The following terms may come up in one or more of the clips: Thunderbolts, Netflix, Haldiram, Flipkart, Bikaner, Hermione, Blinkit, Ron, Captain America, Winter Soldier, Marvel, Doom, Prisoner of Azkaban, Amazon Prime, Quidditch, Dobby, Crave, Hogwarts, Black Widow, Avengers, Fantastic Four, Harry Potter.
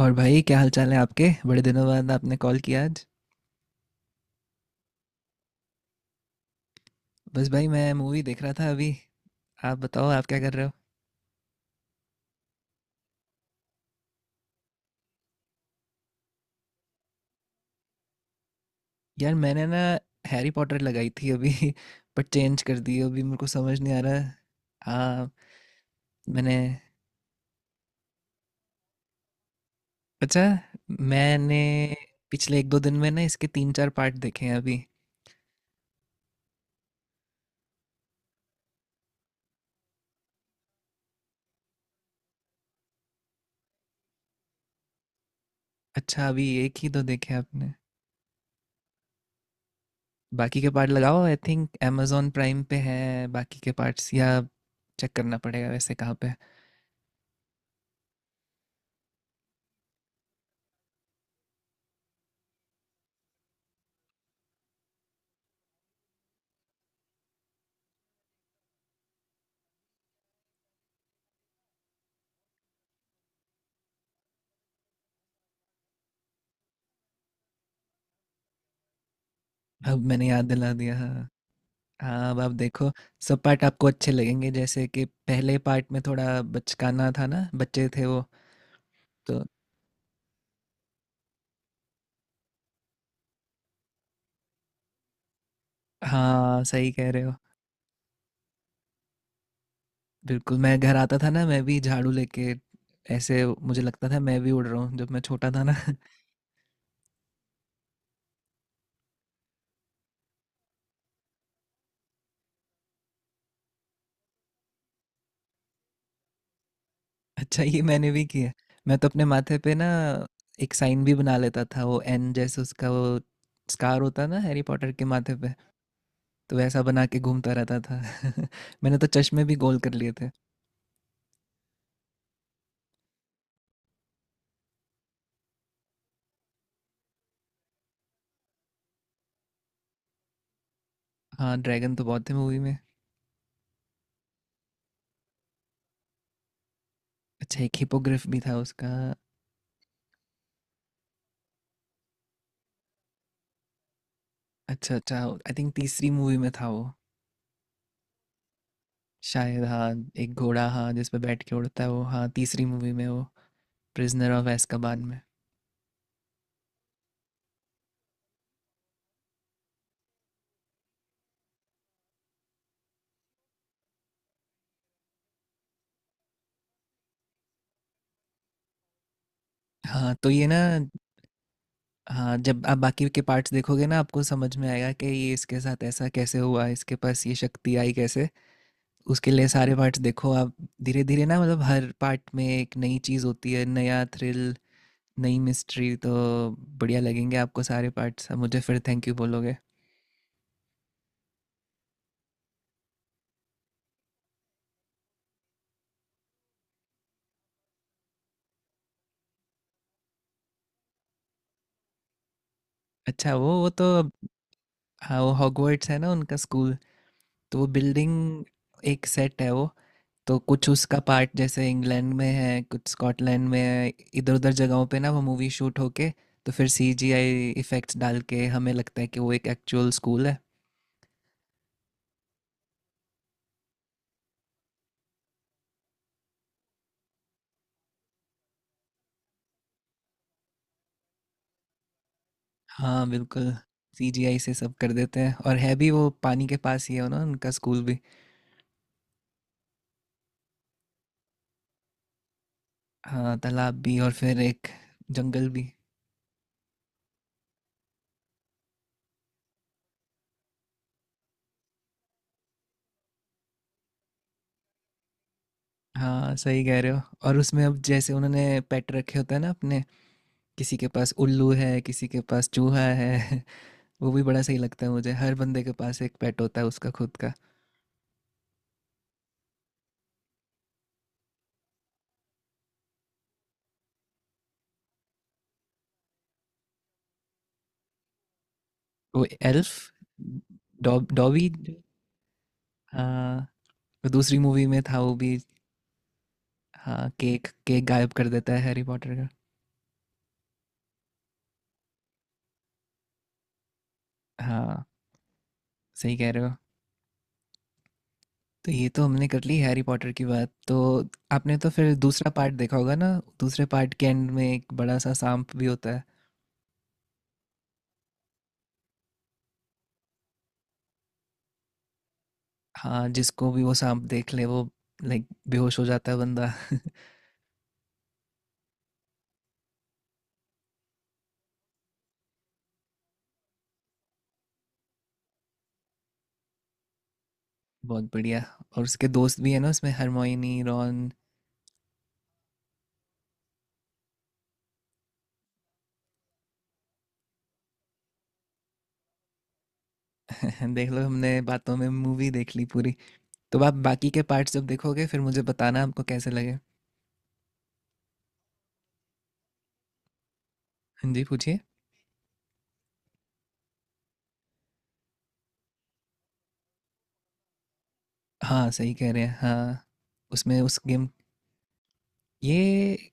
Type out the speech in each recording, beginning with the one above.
और भाई क्या हाल चाल है आपके? बड़े दिनों बाद आपने कॉल किया आज। बस भाई मैं मूवी देख रहा था अभी। आप बताओ आप क्या कर रहे हो? यार मैंने ना हैरी पॉटर लगाई थी अभी बट चेंज कर दी अभी, मेरे को समझ नहीं आ रहा। हाँ, मैंने अच्छा मैंने पिछले एक दो दिन में ना इसके तीन चार पार्ट देखे हैं अभी। अच्छा, अभी एक ही दो देखे हैं आपने? बाकी के पार्ट लगाओ, आई थिंक amazon प्राइम पे है बाकी के पार्ट्स, या चेक करना पड़ेगा वैसे कहाँ पे। अब मैंने याद दिला दिया हाँ। हाँ, अब आप देखो। सब पार्ट आपको अच्छे लगेंगे, जैसे कि पहले पार्ट में थोड़ा बचकाना था ना, बच्चे थे वो तो। हाँ सही कह रहे हो। बिल्कुल, मैं घर आता था ना, मैं भी झाड़ू लेके ऐसे, मुझे लगता था मैं भी उड़ रहा हूँ जब मैं छोटा था ना। अच्छा, ये मैंने भी किया। मैं तो अपने माथे पे ना एक साइन भी बना लेता था, वो एन जैसे उसका वो स्कार होता है ना हैरी पॉटर के माथे पे, तो वैसा बना के घूमता रहता था। मैंने तो चश्मे भी गोल कर लिए थे। हाँ, ड्रैगन तो बहुत थे मूवी में। अच्छा, एक हिपोग्रिफ भी था उसका। अच्छा अच्छा, आई थिंक तीसरी मूवी में था वो, शायद। हाँ एक घोड़ा, हाँ जिस पे बैठ के उड़ता है वो, हाँ तीसरी मूवी में वो, प्रिजनर ऑफ एस्काबान में। हाँ तो ये ना, हाँ जब आप बाकी के पार्ट्स देखोगे ना आपको समझ में आएगा कि ये इसके साथ ऐसा कैसे हुआ, इसके पास ये शक्ति आई कैसे। उसके लिए सारे पार्ट्स देखो आप। धीरे धीरे ना, मतलब हर पार्ट में एक नई चीज़ होती है, नया थ्रिल, नई मिस्ट्री, तो बढ़िया लगेंगे आपको सारे पार्ट्स। मुझे फिर थैंक यू बोलोगे। अच्छा वो तो, हाँ, वो हॉगवर्ट्स है ना उनका स्कूल। तो वो बिल्डिंग, एक सेट है वो, तो कुछ उसका पार्ट जैसे इंग्लैंड में है, कुछ स्कॉटलैंड में है, इधर उधर जगहों पे ना वो मूवी शूट होके, तो फिर सीजीआई इफेक्ट्स डाल के हमें लगता है कि वो एक एक्चुअल स्कूल है। हाँ बिल्कुल, सीजीआई से सब कर देते हैं। और है भी वो पानी के पास ही है ना, उनका स्कूल भी। हाँ तालाब भी और फिर एक जंगल भी। हाँ सही कह रहे हो। और उसमें अब जैसे उन्होंने पेट रखे होते हैं ना अपने, किसी के पास उल्लू है, किसी के पास चूहा है। वो भी बड़ा सही लगता है मुझे। हर बंदे के पास एक पेट होता है उसका खुद का। वो एल्फ, डॉ डॉबी जो- हाँ, वो दूसरी मूवी में था वो भी। हाँ, केक केक गायब कर देता है हैरी पॉटर का। हाँ, सही कह रहे हो। तो ये तो हमने कर ली हैरी पॉटर की बात। तो आपने तो फिर दूसरा पार्ट देखा होगा ना? दूसरे पार्ट के एंड में एक बड़ा सा सांप भी होता है। हाँ, जिसको भी वो सांप देख ले वो लाइक बेहोश हो जाता है बंदा। बहुत बढ़िया। और उसके दोस्त भी है ना उसमें, हरमोइनी, रॉन। देख लो हमने बातों में मूवी देख ली पूरी। तो आप बाकी के पार्ट्स जब देखोगे फिर मुझे बताना आपको कैसे लगे। हाँ जी पूछिए। हाँ सही कह रहे हैं हाँ। उसमें उस गेम, ये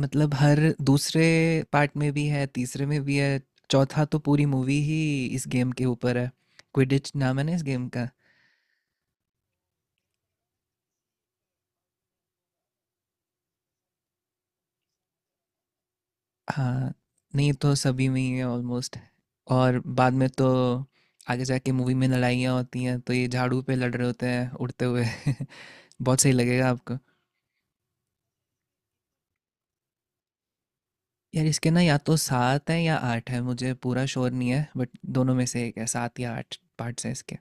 मतलब हर दूसरे पार्ट में भी है, तीसरे में भी है, चौथा तो पूरी मूवी ही इस गेम के ऊपर है। क्विडिच नाम है ना इस गेम का। हाँ, नहीं तो सभी में ही है ऑलमोस्ट। और बाद में तो आगे जाके मूवी में लड़ाइयाँ होती हैं तो ये झाड़ू पे लड़ रहे होते हैं उड़ते हुए। बहुत सही लगेगा आपको। यार इसके ना या तो सात है या आठ है, मुझे पूरा श्योर नहीं है, बट दोनों में से एक है, सात या आठ पार्ट्स हैं इसके।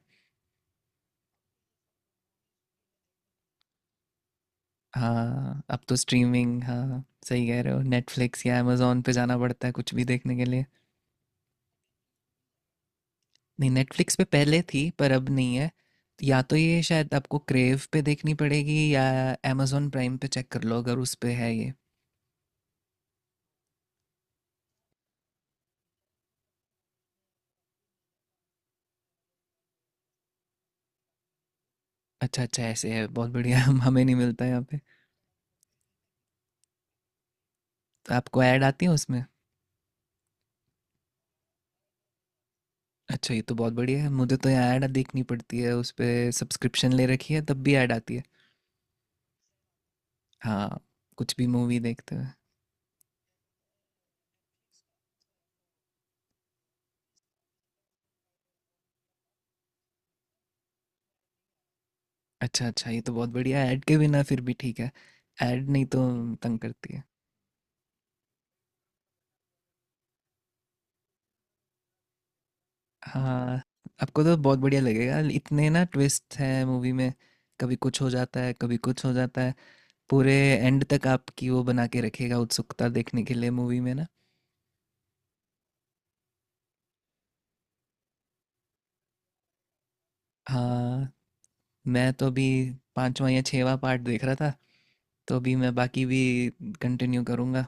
हाँ अब तो स्ट्रीमिंग, हाँ सही कह रहे हो, नेटफ्लिक्स या अमेजोन पे जाना पड़ता है कुछ भी देखने के लिए। नहीं, नेटफ्लिक्स पे पहले थी पर अब नहीं है। या तो ये शायद आपको क्रेव पे देखनी पड़ेगी या amazon प्राइम पे चेक कर लो, अगर उस पे है ये। अच्छा अच्छा, ऐसे है, बहुत बढ़िया। हम हमें नहीं मिलता यहाँ पे। तो आपको ऐड आती है उसमें? अच्छा ये तो बहुत बढ़िया है। मुझे तो यहाँ ऐड देखनी पड़ती है उस पे, सब्सक्रिप्शन ले रखी है तब भी ऐड आती है। हाँ, कुछ भी मूवी देखते हुए। अच्छा अच्छा, ये तो बहुत बढ़िया है। ऐड के बिना फिर भी ठीक है। ऐड नहीं तो तंग करती है। हाँ, आपको तो बहुत बढ़िया लगेगा, इतने ना ट्विस्ट हैं मूवी में, कभी कुछ हो जाता है कभी कुछ हो जाता है, पूरे एंड तक आपकी वो बना के रखेगा उत्सुकता देखने के लिए मूवी में ना। हाँ, मैं तो अभी पांचवा या छठवां पार्ट देख रहा था, तो अभी मैं बाकी भी कंटिन्यू करूँगा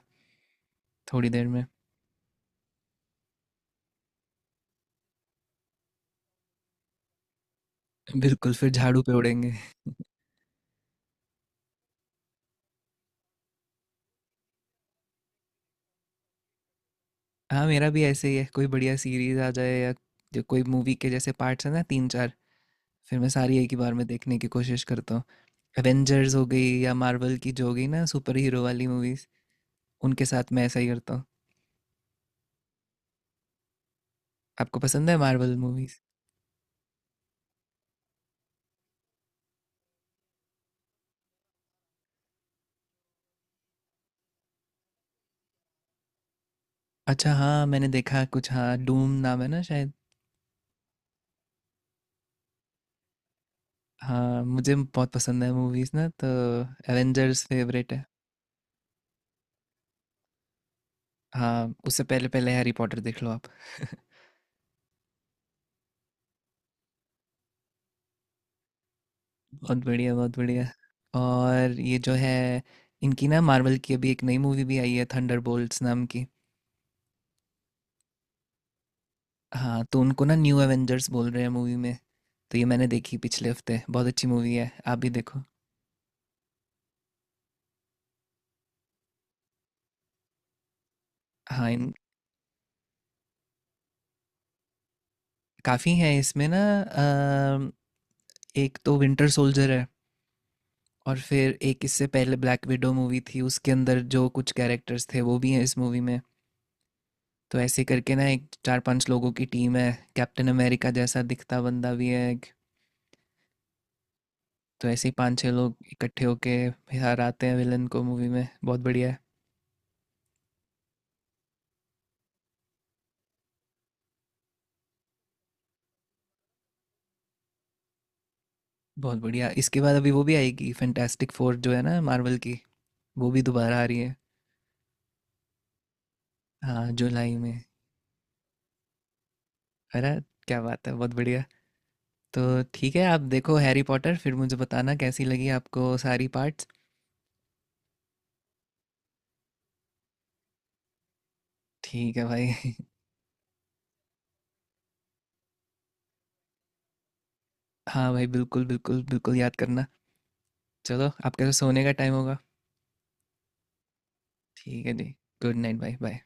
थोड़ी देर में। बिल्कुल फिर झाड़ू पे उड़ेंगे। हाँ मेरा भी ऐसे ही है, कोई बढ़िया सीरीज आ जाए या जो कोई मूवी के जैसे पार्ट्स हैं ना तीन चार, फिर मैं सारी एक ही बार में देखने की कोशिश करता हूँ। एवेंजर्स हो गई या मार्वल की जो हो गई ना सुपर हीरो वाली मूवीज, उनके साथ मैं ऐसा ही करता हूँ। आपको पसंद है मार्वल मूवीज? अच्छा हाँ, मैंने देखा कुछ, हाँ डूम नाम है ना शायद। हाँ मुझे बहुत पसंद है मूवीज ना, तो एवेंजर्स फेवरेट है। हाँ उससे पहले पहले हैरी पॉटर देख लो आप। बहुत बढ़िया बहुत बढ़िया। और ये जो है इनकी ना मार्वल की, अभी एक नई मूवी भी आई है थंडरबोल्ट्स नाम की। हाँ तो उनको ना न्यू एवेंजर्स बोल रहे हैं मूवी में। तो ये मैंने देखी पिछले हफ्ते, बहुत अच्छी मूवी है, आप भी देखो। हाँ इन काफ़ी हैं इसमें ना, अम, एक तो विंटर सोल्जर है, और फिर एक इससे पहले ब्लैक विडो मूवी थी उसके अंदर जो कुछ कैरेक्टर्स थे वो भी हैं इस मूवी में। तो ऐसे करके ना एक चार पांच लोगों की टीम है, कैप्टन अमेरिका जैसा दिखता बंदा भी है एक। तो ऐसे ही पांच छह लोग इकट्ठे होके हराते हैं विलन को मूवी में, बहुत बढ़िया है। बहुत बढ़िया, इसके बाद अभी वो भी आएगी फैंटास्टिक फोर जो है ना मार्वल की, वो भी दोबारा आ रही है। हाँ जुलाई में। अरे क्या बात है, बहुत बढ़िया। तो ठीक है आप देखो हैरी पॉटर, फिर मुझे बताना कैसी लगी आपको सारी पार्ट्स। ठीक है भाई। हाँ भाई बिल्कुल बिल्कुल बिल्कुल, याद करना। चलो आपके तो सोने का टाइम होगा। ठीक है जी, गुड नाइट भाई बाय।